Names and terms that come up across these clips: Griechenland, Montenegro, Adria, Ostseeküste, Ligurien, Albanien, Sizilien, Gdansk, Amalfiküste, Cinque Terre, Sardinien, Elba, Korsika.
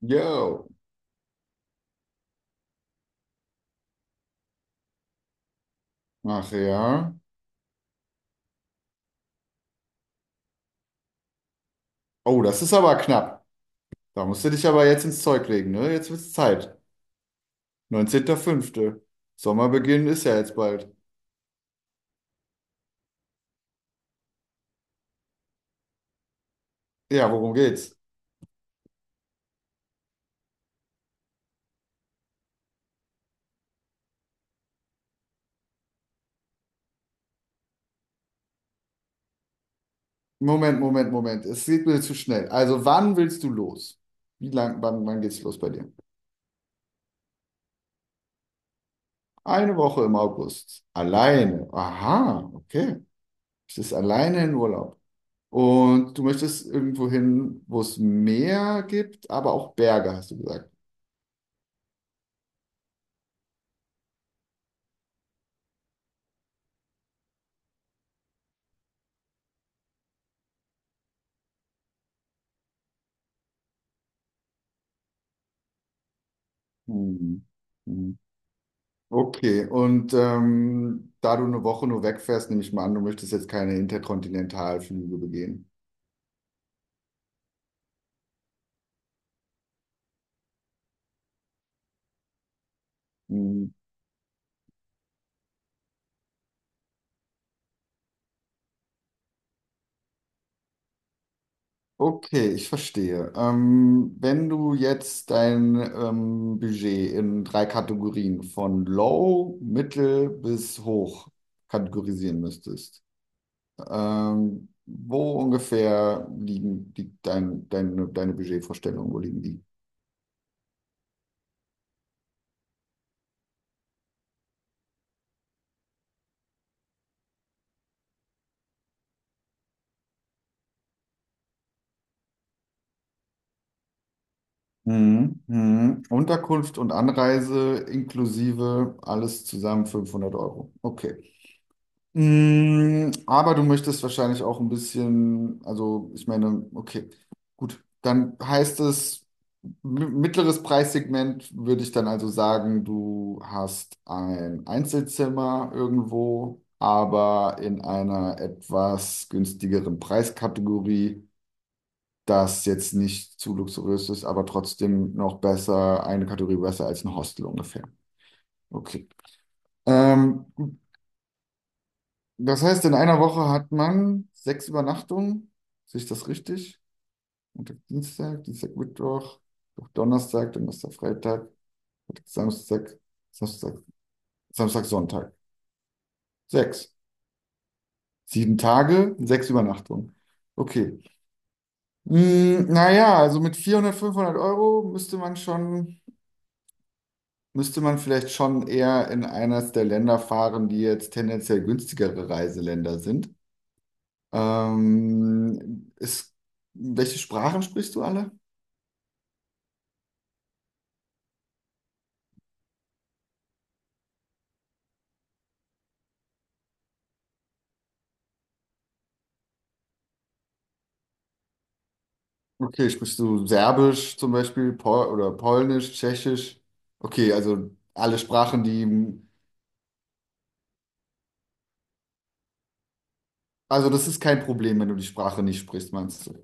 Yo. Ach ja. Oh, das ist aber knapp. Da musst du dich aber jetzt ins Zeug legen, ne? Jetzt wird's Zeit. 19.05. Sommerbeginn ist ja jetzt bald. Ja, worum geht's? Moment, Moment, Moment. Es geht mir zu schnell. Also, wann willst du los? Wie lang, wann, wann geht's los bei dir? Eine Woche im August. Alleine. Aha, okay. Du bist alleine in Urlaub. Und du möchtest irgendwo hin, wo es Meer gibt, aber auch Berge, hast du gesagt. Hm. Hm. Okay, und da du eine Woche nur wegfährst, nehme ich mal an, du möchtest jetzt keine Interkontinentalflüge begehen. Hm, Okay, ich verstehe. Wenn du jetzt dein Budget in drei Kategorien von Low, Mittel bis Hoch kategorisieren müsstest, wo ungefähr liegen die, dein, deine, deine Budgetvorstellungen, wo liegen die? Mhm. Mhm. Unterkunft und Anreise inklusive alles zusammen 500 Euro. Okay. Mhm. Aber du möchtest wahrscheinlich auch ein bisschen, also ich meine, okay, gut. Dann heißt es, mittleres Preissegment würde ich dann also sagen, du hast ein Einzelzimmer irgendwo, aber in einer etwas günstigeren Preiskategorie, das jetzt nicht zu luxuriös ist, aber trotzdem noch besser, eine Kategorie besser als ein Hostel ungefähr. Okay. Ähm, Das heißt, in einer Woche hat man sechs Übernachtungen. Sehe ich das richtig? Montag, Dienstag, Dienstag, Mittwoch, Mittwoch, Donnerstag, Donnerstag, Freitag, Samstag, Samstag, Samstag, Sonntag. Sechs. Sieben Tage, sechs Übernachtungen. Okay. Hm, naja, also mit 400, 500 Euro müsste man schon, müsste man vielleicht schon eher in eines der Länder fahren, die jetzt tendenziell günstigere Reiseländer sind. Ist, welche Sprachen sprichst du alle? Okay, sprichst du Serbisch zum Beispiel, Pol oder Polnisch, Tschechisch? Okay, also alle Sprachen, die... Also das ist kein Problem, wenn du die Sprache nicht sprichst, meinst du?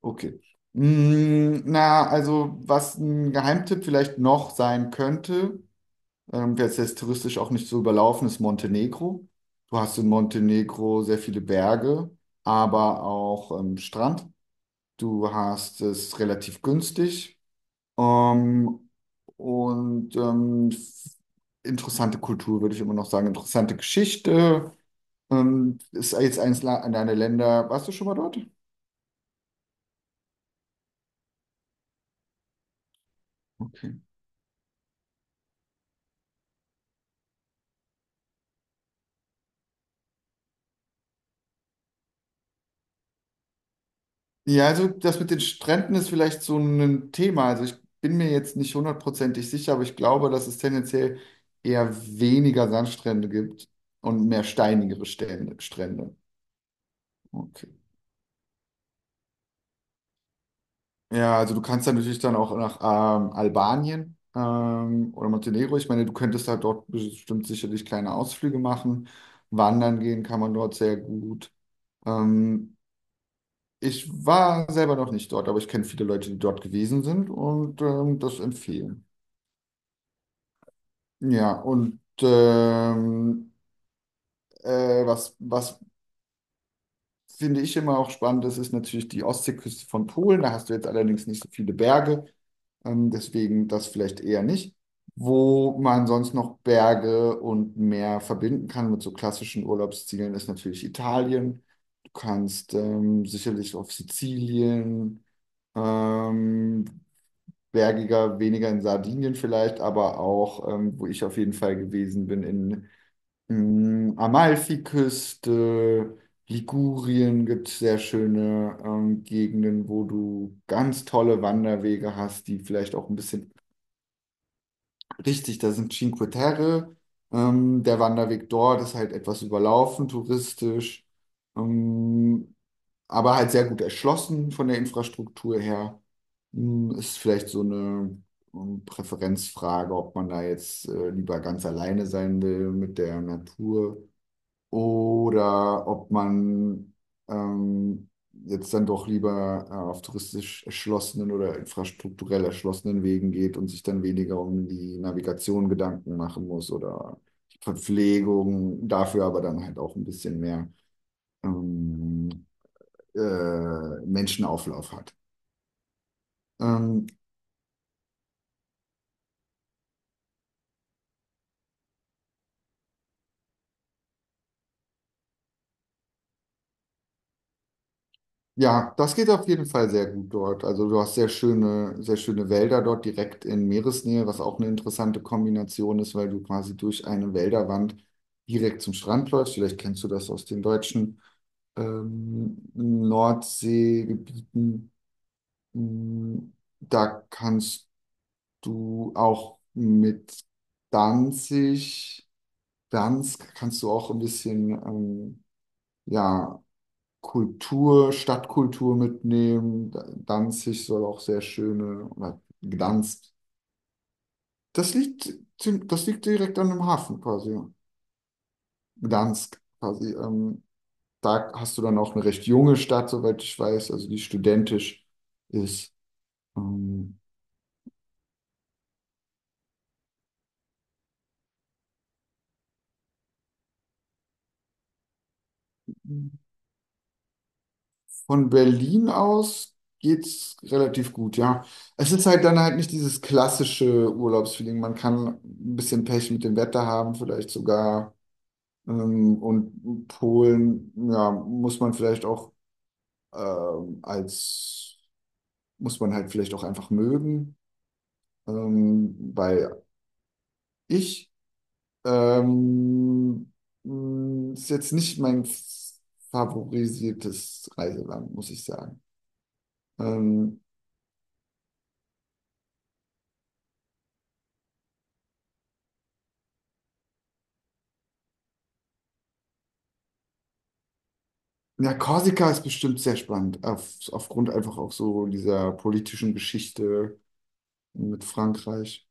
Okay. Mm, na, also was ein Geheimtipp vielleicht noch sein könnte, jetzt touristisch auch nicht so überlaufen ist Montenegro. Du hast in Montenegro sehr viele Berge, aber auch Strand. Du hast es relativ günstig, ähm, und interessante Kultur, würde ich immer noch sagen, interessante Geschichte. Ist jetzt eins an deine Länder. Warst du schon mal dort? Ja, also das mit den Stränden ist vielleicht so ein Thema. Also ich bin mir jetzt nicht 100-prozentig sicher, aber ich glaube, dass es tendenziell eher weniger Sandstrände gibt und mehr steinigere Strände. Strände. Okay. Ja, also du kannst dann natürlich dann auch nach Albanien oder Montenegro. Ich meine, du könntest da dort bestimmt sicherlich kleine Ausflüge machen. Wandern gehen kann man dort sehr gut. Ähm, Ich war selber noch nicht dort, aber ich kenne viele Leute, die dort gewesen sind und das empfehlen. Ja, und was, was finde ich immer auch spannend ist, ist natürlich die Ostseeküste von Polen. Da hast du jetzt allerdings nicht so viele Berge, deswegen das vielleicht eher nicht. Wo man sonst noch Berge und Meer verbinden kann mit so klassischen Urlaubszielen, ist natürlich Italien. Du kannst sicherlich auf Sizilien, ähm, bergiger, weniger in Sardinien vielleicht, aber auch, wo ich auf jeden Fall gewesen bin, in Mm, Amalfiküste, Ligurien gibt es sehr schöne Gegenden, wo du ganz tolle Wanderwege hast, die vielleicht auch ein bisschen richtig, da sind Cinque Terre. Der Wanderweg dort ist halt etwas überlaufen, touristisch, ähm, aber halt sehr gut erschlossen von der Infrastruktur her. Mm, ist vielleicht so eine Präferenzfrage, ob man da jetzt lieber ganz alleine sein will mit der Natur oder ob man ähm, jetzt dann doch lieber auf touristisch erschlossenen oder infrastrukturell erschlossenen Wegen geht und sich dann weniger um die Navigation Gedanken machen muss oder die Verpflegung, dafür aber dann halt auch ein bisschen mehr ähm, Menschenauflauf hat. Ähm, Ja, das geht auf jeden Fall sehr gut dort. Also du hast sehr schöne Wälder dort direkt in Meeresnähe, was auch eine interessante Kombination ist, weil du quasi durch eine Wälderwand direkt zum Strand läufst. Vielleicht kennst du das aus den deutschen Nordseegebieten. Mm, da kannst du auch mit Danzig, Danzig kannst du auch ein bisschen ja, Kultur, Stadtkultur mitnehmen. Danzig soll auch sehr schöne, oder Gdansk. Das liegt, das liegt direkt an dem Hafen quasi, ja. Gdansk quasi. Da hast du dann auch eine recht junge Stadt, soweit ich weiß, also die studentisch ist. Ähm, von Berlin aus geht's relativ gut, ja. Es ist halt dann halt nicht dieses klassische Urlaubsfeeling. Man kann ein bisschen Pech mit dem Wetter haben, vielleicht sogar. Und Polen, ja, muss man vielleicht auch als, muss man halt vielleicht auch einfach mögen, ähm, weil ich ähm, ist jetzt nicht mein favorisiertes Reiseland, muss ich sagen. Ähm, ja, Korsika ist bestimmt sehr spannend, auf, aufgrund einfach auch so dieser politischen Geschichte mit Frankreich.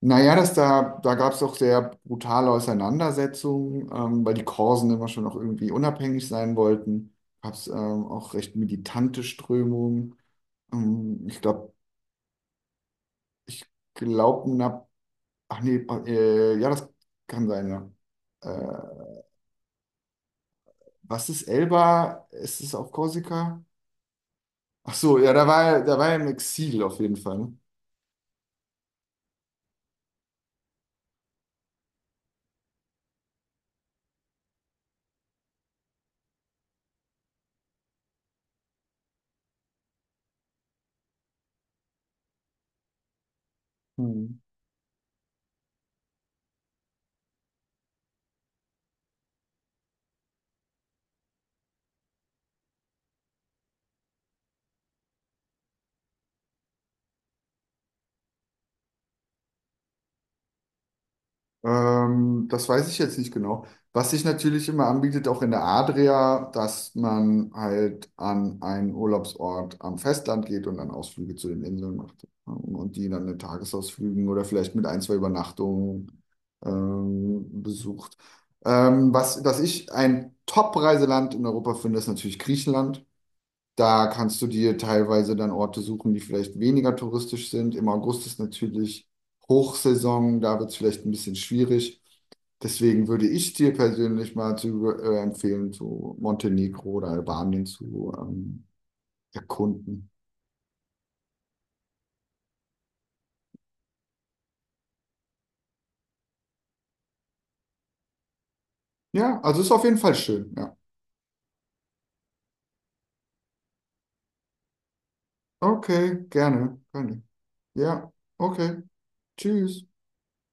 Naja, das da, da gab es doch sehr brutale Auseinandersetzungen, weil die Korsen immer schon noch irgendwie unabhängig sein wollten. Gab es auch recht militante Strömungen. Ähm, ich glaube, ich glaube, na, ach nee, oh, ja, das kann sein, ja. Äh, Was ist Elba? Ist es auf Korsika? Ach so, ja, da war er im Exil auf jeden Fall, ne? Hm. Das weiß ich jetzt nicht genau. Was sich natürlich immer anbietet, auch in der Adria, dass man halt an einen Urlaubsort am Festland geht und dann Ausflüge zu den Inseln macht, ja. Und die dann in Tagesausflügen oder vielleicht mit ein, zwei Übernachtungen besucht. Was, was ich ein Top-Reiseland in Europa finde, ist natürlich Griechenland. Da kannst du dir teilweise dann Orte suchen, die vielleicht weniger touristisch sind. Im August ist natürlich Hochsaison, da wird es vielleicht ein bisschen schwierig. Deswegen würde ich dir persönlich mal zu, empfehlen, zu Montenegro oder Albanien zu erkunden. Ja, also ist auf jeden Fall schön. Ja. Okay, gerne, gerne. Ja, okay. Tschüss.